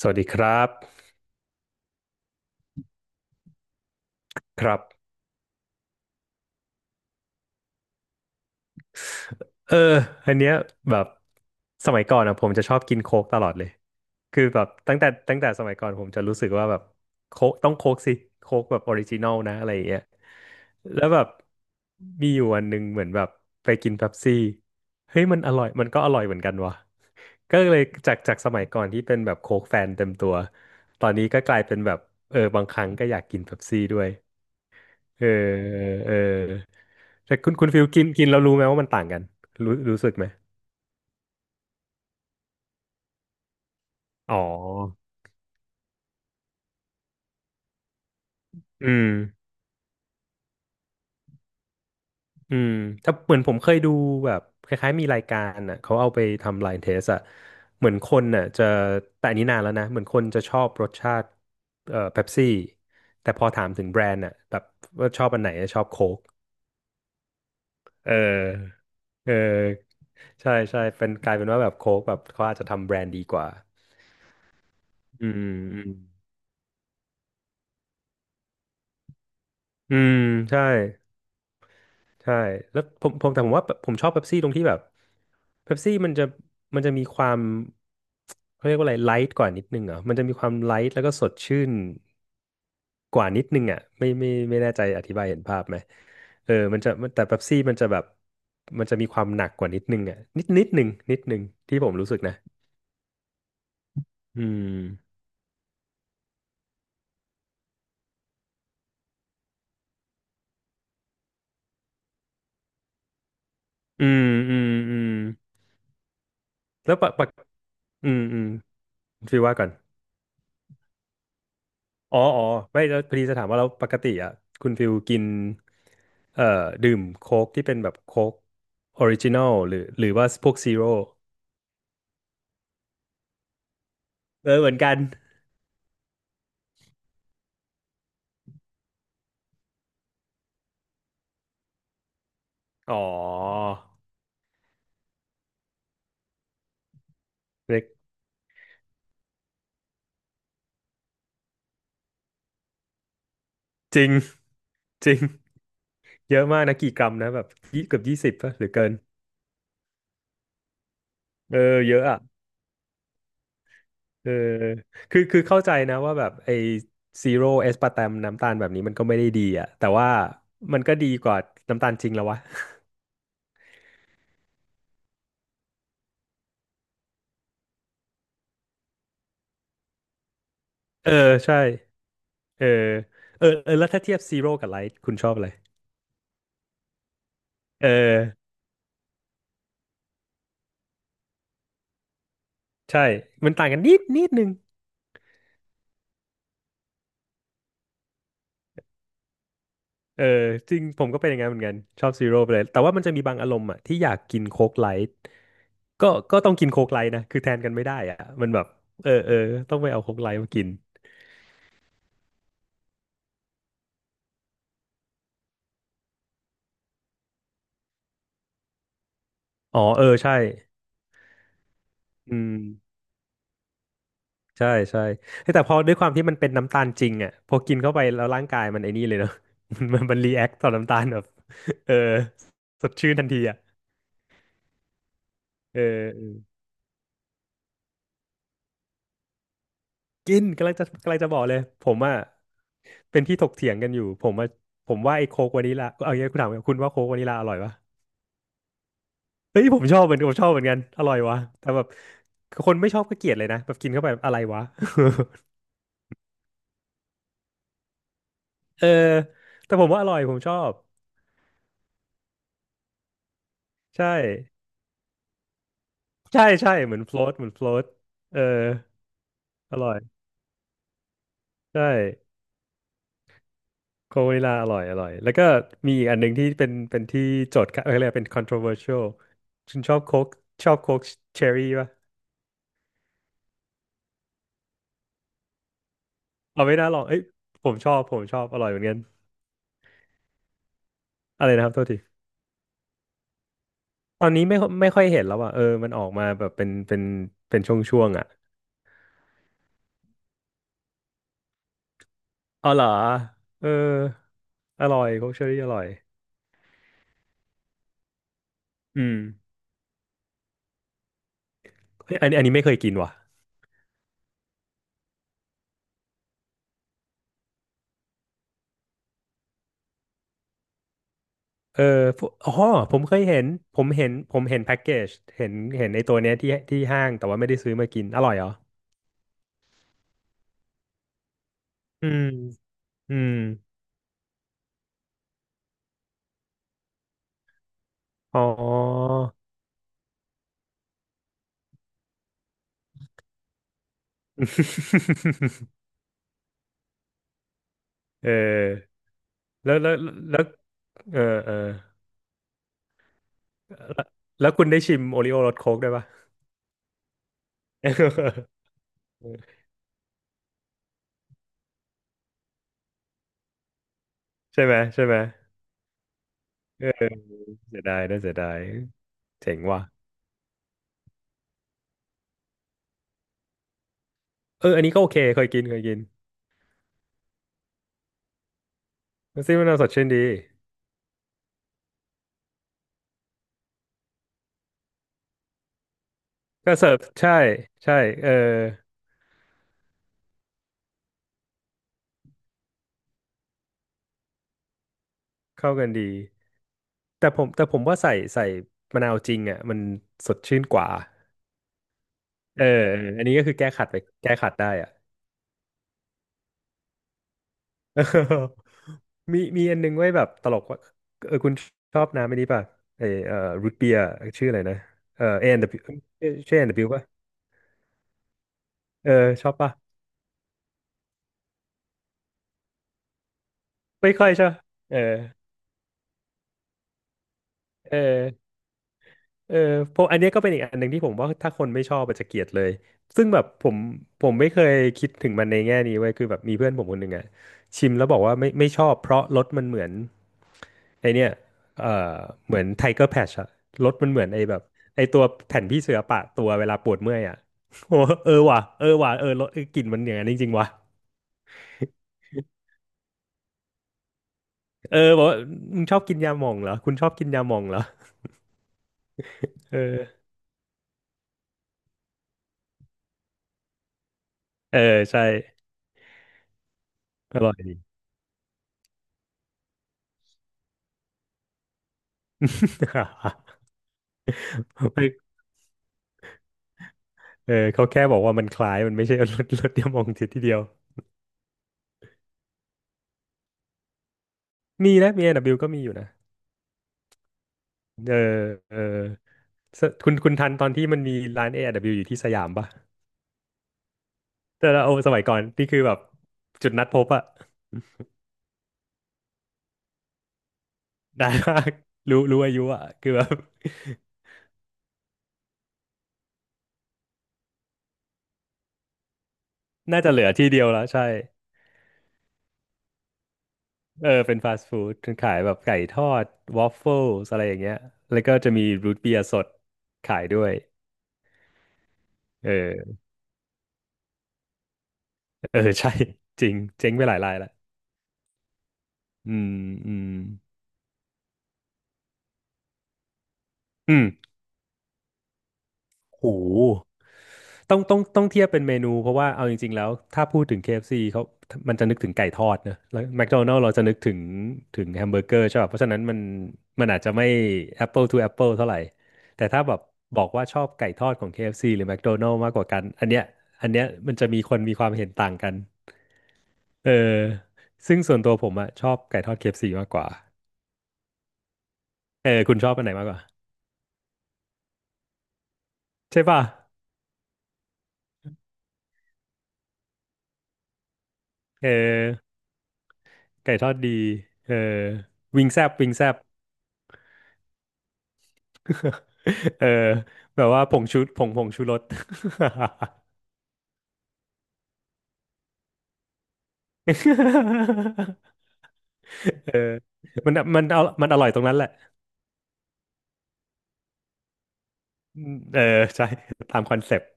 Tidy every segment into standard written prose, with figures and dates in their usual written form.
สวัสดีครับครับเอออันเนี้ยแบบสมัยก่อนอ่ะผมจะชอบกินโค้กตลอดเลยคือแบบตั้งแต่สมัยก่อนผมจะรู้สึกว่าแบบโค้กต้องโค้กสิโค้กแบบออริจินอลนะอะไรอย่างเงี้ยแล้วแบบมีอยู่วันหนึ่งเหมือนแบบไปกินเป๊ปซี่เฮ้ยมันอร่อยมันก็อร่อยเหมือนกันวะก็เลยจากสมัยก่อนที่เป็นแบบโค้กแฟนเต็มตัวตอนนี้ก็กลายเป็นแบบเออบางครั้งก็อยากกินเป๊ปซี่ด้วย เออเออแต่คุณฟิลกินกินแล้วรู้ไหมว่ามันต่างกันรู้รู้สึกไหมอ๋ออืมอืมถ้าเหมือนผมเคยดูแบบคล้ายๆมีรายการอ่ะเขาเอาไปทำ line test อ่ะเหมือนคนน่ะจะแต่อันนี้นานแล้วนะเหมือนคนจะชอบรสชาติเป๊ปซี่แต่พอถามถึงแบรนด์อ่ะแบบว่าชอบอันไหนชอบโค้กเออเออใช่ใช่เป็นกลายเป็นว่าแบบโค้กแบบเขาอาจจะทำแบรนด์ดีกว่าอืมอืมอืมใช่ ใช่แล้วผมแต่ผมว่าผมชอบเป๊ปซี่ตรงที่แบบเป๊ปซี่มันจะมีความเขาเรียกว่าอะไรไลท์กว่านิดนึงเหรอ่ะมันจะมีความไลท์แล้วก็สดชื่นกว่านิดนึงอ่ะไม่แน่ใจอธิบายเห็นภาพไหมเออมันจะมันแต่เป๊ปซี่มันจะแบบมันจะมีความหนักกว่านิดนึงอ่ะนิดนึงที่ผมรู้สึกนะอืมอืมแล้วปะอืมฟีลว่าก่อน อ๋อไม่แล้วพอดีจะถามว่าแล้วปกติอ่ะคุณฟิลกินเอ่อดื่มโค้กที่เป็นแบบโค้กออริจินอลหรือว่าพวกซีโร่เออเหมือนกันอ๋อเล็กจริง จริงเยอะมากนะกี่กรัมนะแบบเกือบยี่สิบป่ะหรือเกินเออเยอะอ่ะเออคือเข้าใจนะว่าแบบไอ้ซีโร่เอสปาร์ตมน้ำตาลแบบนี้มันก็ไม่ได้ดีอ่ะแต่ว่ามันก็ดีกว่าน้ำตาลจริงแล้ววะเออใช่ เออเออเออแล้วถ้าเทียบซีโร่กับไลท์คุณชอบอะไรเออใช่มันต่างกันนิดนึงเออจริงผมก็เป็นอย่างนั้นเหมือนกันชอบซีโร่ไปเลยแต่ว่ามันจะมีบางอารมณ์อ่ะที่อยากกินโค้กไลท์ก็ต้องกินโค้กไลท์นะคือแทนกันไม่ได้อ่ะมันแบบเออต้องไปเอาโค้กไลท์มากินอ๋อเออใช่อืมใช่ใช่เฮ้ยแต่พอด้วยความที่มันเป็นน้ำตาลจริงอ่ะพอกินเข้าไปแล้วร่างกายมันไอ้นี่เลยเนาะ มันรีแอคต่อน้ำตาลแบบเออสดชื่นทันทีอ่ะเออ กินกำลังจะบอกเลยผมอ่ะเป็นที่ถกเถียงกันอยู่ผมว่าไอ้โค้กวานิลาเอาอย่างนี้คุณถามคุณว่าโค้กวานิลาอร่อยปะเฮ้ยผมชอบเหมือนผมชอบเหมือนกันอร่อยวะแต่แบบคนไม่ชอบก็เกลียดเลยนะแบบกินเข้าไปแบบอะไรวะ เออแต่ผมว่าอร่อยผมชอบใช่ใช่ใช่เหมือนโฟลตเหมือนโฟลตเอออร่อยใช่โคกวานิลาอร่อยอร่อยแล้วก็มีอีกอันหนึ่งที่เป็นที่โจทย์กันเออเรียกว่าเป็น controversial คุณชอบโค้กชอบโค้กเชอร์รี่ปะ เอาไม่น่าลองเอ้ยผมชอบอร่อยเหมือนกันอะไรนะครับโทษที ตอนนี้ไม่ค่อยเห็นแล้วอ่ะเออมันออกมาแบบเป็นช่วงๆอ่ะเอาเหรอเอออร่อยโคกเชอรี่อร่อยอืมเฮ้ยอันนี้ไม่เคยกินว่ะเออพวกอ๋อผมเคยเห็นผมเห็นแพ็กเกจเห็นไอ้ตัวเนี้ยที่ห้างแต่ว่าไม่ได้ซื้อมากินอร่อยเหรออืมอืมอ๋อ เออแล้วแล้วแล้วเออเออ แล้วแล้วคุณได้ชิมโอริโอรสโค้กได้วยปะ ใช่ไหมเออเสียดายน่าเสียดายเจ๋งว่ะเอออันนี้ก็โอเคเคยกินมันซิมันสดชื่นดีก็เสิร์ฟใช่ใช่เออเข้ากันดีแต่ผมว่าใส่มะนาวจริงอ่ะมันสดชื่นกว่าเอออันนี้ก็คือแก้ขัดไปแก้ขัดได้อ่ะ เออมีอันนึงไว้ยแบบตลกว่าเออคุณชอบน้ำไม่ดีป่ะไอรูทเบียร์ชื่ออะไรนะเออเอ็นดับชื่อเอ็นดับป่ะเออชอบป่ะไม่ค่อยชอบเออเออ เออเพราะอันเนี้ยก็เป็นอีกอันหนึ่งที่ผมว่าถ้าคนไม่ชอบอาจจะเกลียดเลย ซึ่งแบบผมไม่เคยคิดถึงมันในแง่นี้เว้ยคือแบบมีเพื่อนผมคนหนึ่งอะชิมแล้วบอกว่าไม่ชอบเพราะรสมันเหมือนไอเนี้ยเออเหมือนไทเกอร์แพชอะรสมันเหมือนไอแบบไอตัวแผ่นพี่เสือปะตัวเวลาปวดเมื่อยอะโอ้ เออว่ะเออว่ะเออรสเออกลิ่นมันอย่างนั้นจริงๆว่ะ เออบอกว่ามึงชอบกินยาหม่องเหรอคุณชอบกินยาหม่องเหรอ เออเออใช่อร่อยดี เออเขาแค่บอกว่ามันคล้ายมันไม่ใช่ รถเดียวมองเสียทีเดียวมีนะมี A&W ก็มีอยู่นะเออเออสคุณทันตอนที่มันมีร้าน A&W อดับเบิลยูอยู่ที่สยามปะแต่เราเอาสมัยก่อนนี่คือแบบจุดนัดพบอะ ได้มากรู้อายุอะคือแบบ น่าจะเหลือที่เดียวแล้วใช่เออเป็นฟาสต์ฟู้ดขายแบบไก่ทอดวอฟเฟิลอะไรอย่างเงี้ยแล้วก็จะมีรูทเบียร์สดขายด้วยเออเออใช่ จริงเจ๊งไปหลายรายละอืมอืมอืมโห ต้องเทียบเป็นเมนูเพราะว่าเอาจริงๆแล้วถ้าพูดถึง KFC เอฟซีเขามันจะนึกถึงไก่ทอดนะแล้ว McDonald's เราจะนึกถึงถึงแฮมเบอร์เกอร์ใช่ป่ะเพราะฉะนั้นมันอาจจะไม่ Apple to Apple เท่าไหร่แต่ถ้าแบบบอกว่าชอบไก่ทอดของ KFC หรือ McDonald's มากกว่ากันอันเนี้ยอันเนี้ยมันจะมีคนมีความเห็นต่างกันเออซึ่งส่วนตัวผมอะชอบไก่ทอด KFC มากกว่าเออคุณชอบอันไหนมากกว่าใช่ป่ะเออไก่ทอดดีเออวิงแซบวิงแซบ เออแบบว่าผงชูผงชูรส เออมันมันเอามันอร่อยตรงนั้นแหละอืมเออใช่ ตามคอนเซปต์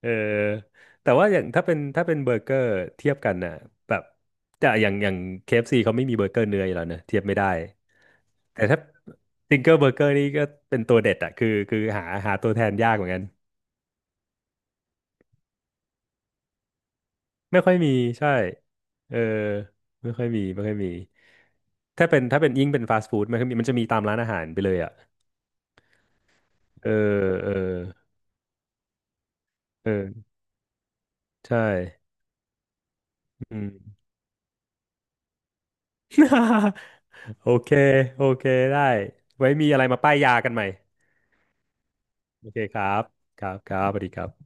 เออแต่ว่าอย่างถ้าเป็นเบอร์เกอร์เทียบกันน่ะแบบแต่อย่าง KFC เอฟซีเขาไม่มีเบอร์เกอร์เนื้ออยู่แล้วเน่ะเทียบไม่ได้แต่ถ้าสิงเกอร์เบอร์เกอร์นี่ก็เป็นตัวเด็ดอะคือหาตัวแทนยากเหมือนกัน ไม่ค่อยมีใช่เออไม่ค่อยมีถ้าเป็นยิ่งเป็นฟาสต์ฟู้ดมันจะมีตามร้านอาหารไปเลยอ่ะเออเออเออใช่อืม โอเคโอเคได้ไว้มีอะไรมาป้ายยากันใหม่โอเคครับครับครับสวัสดีครับ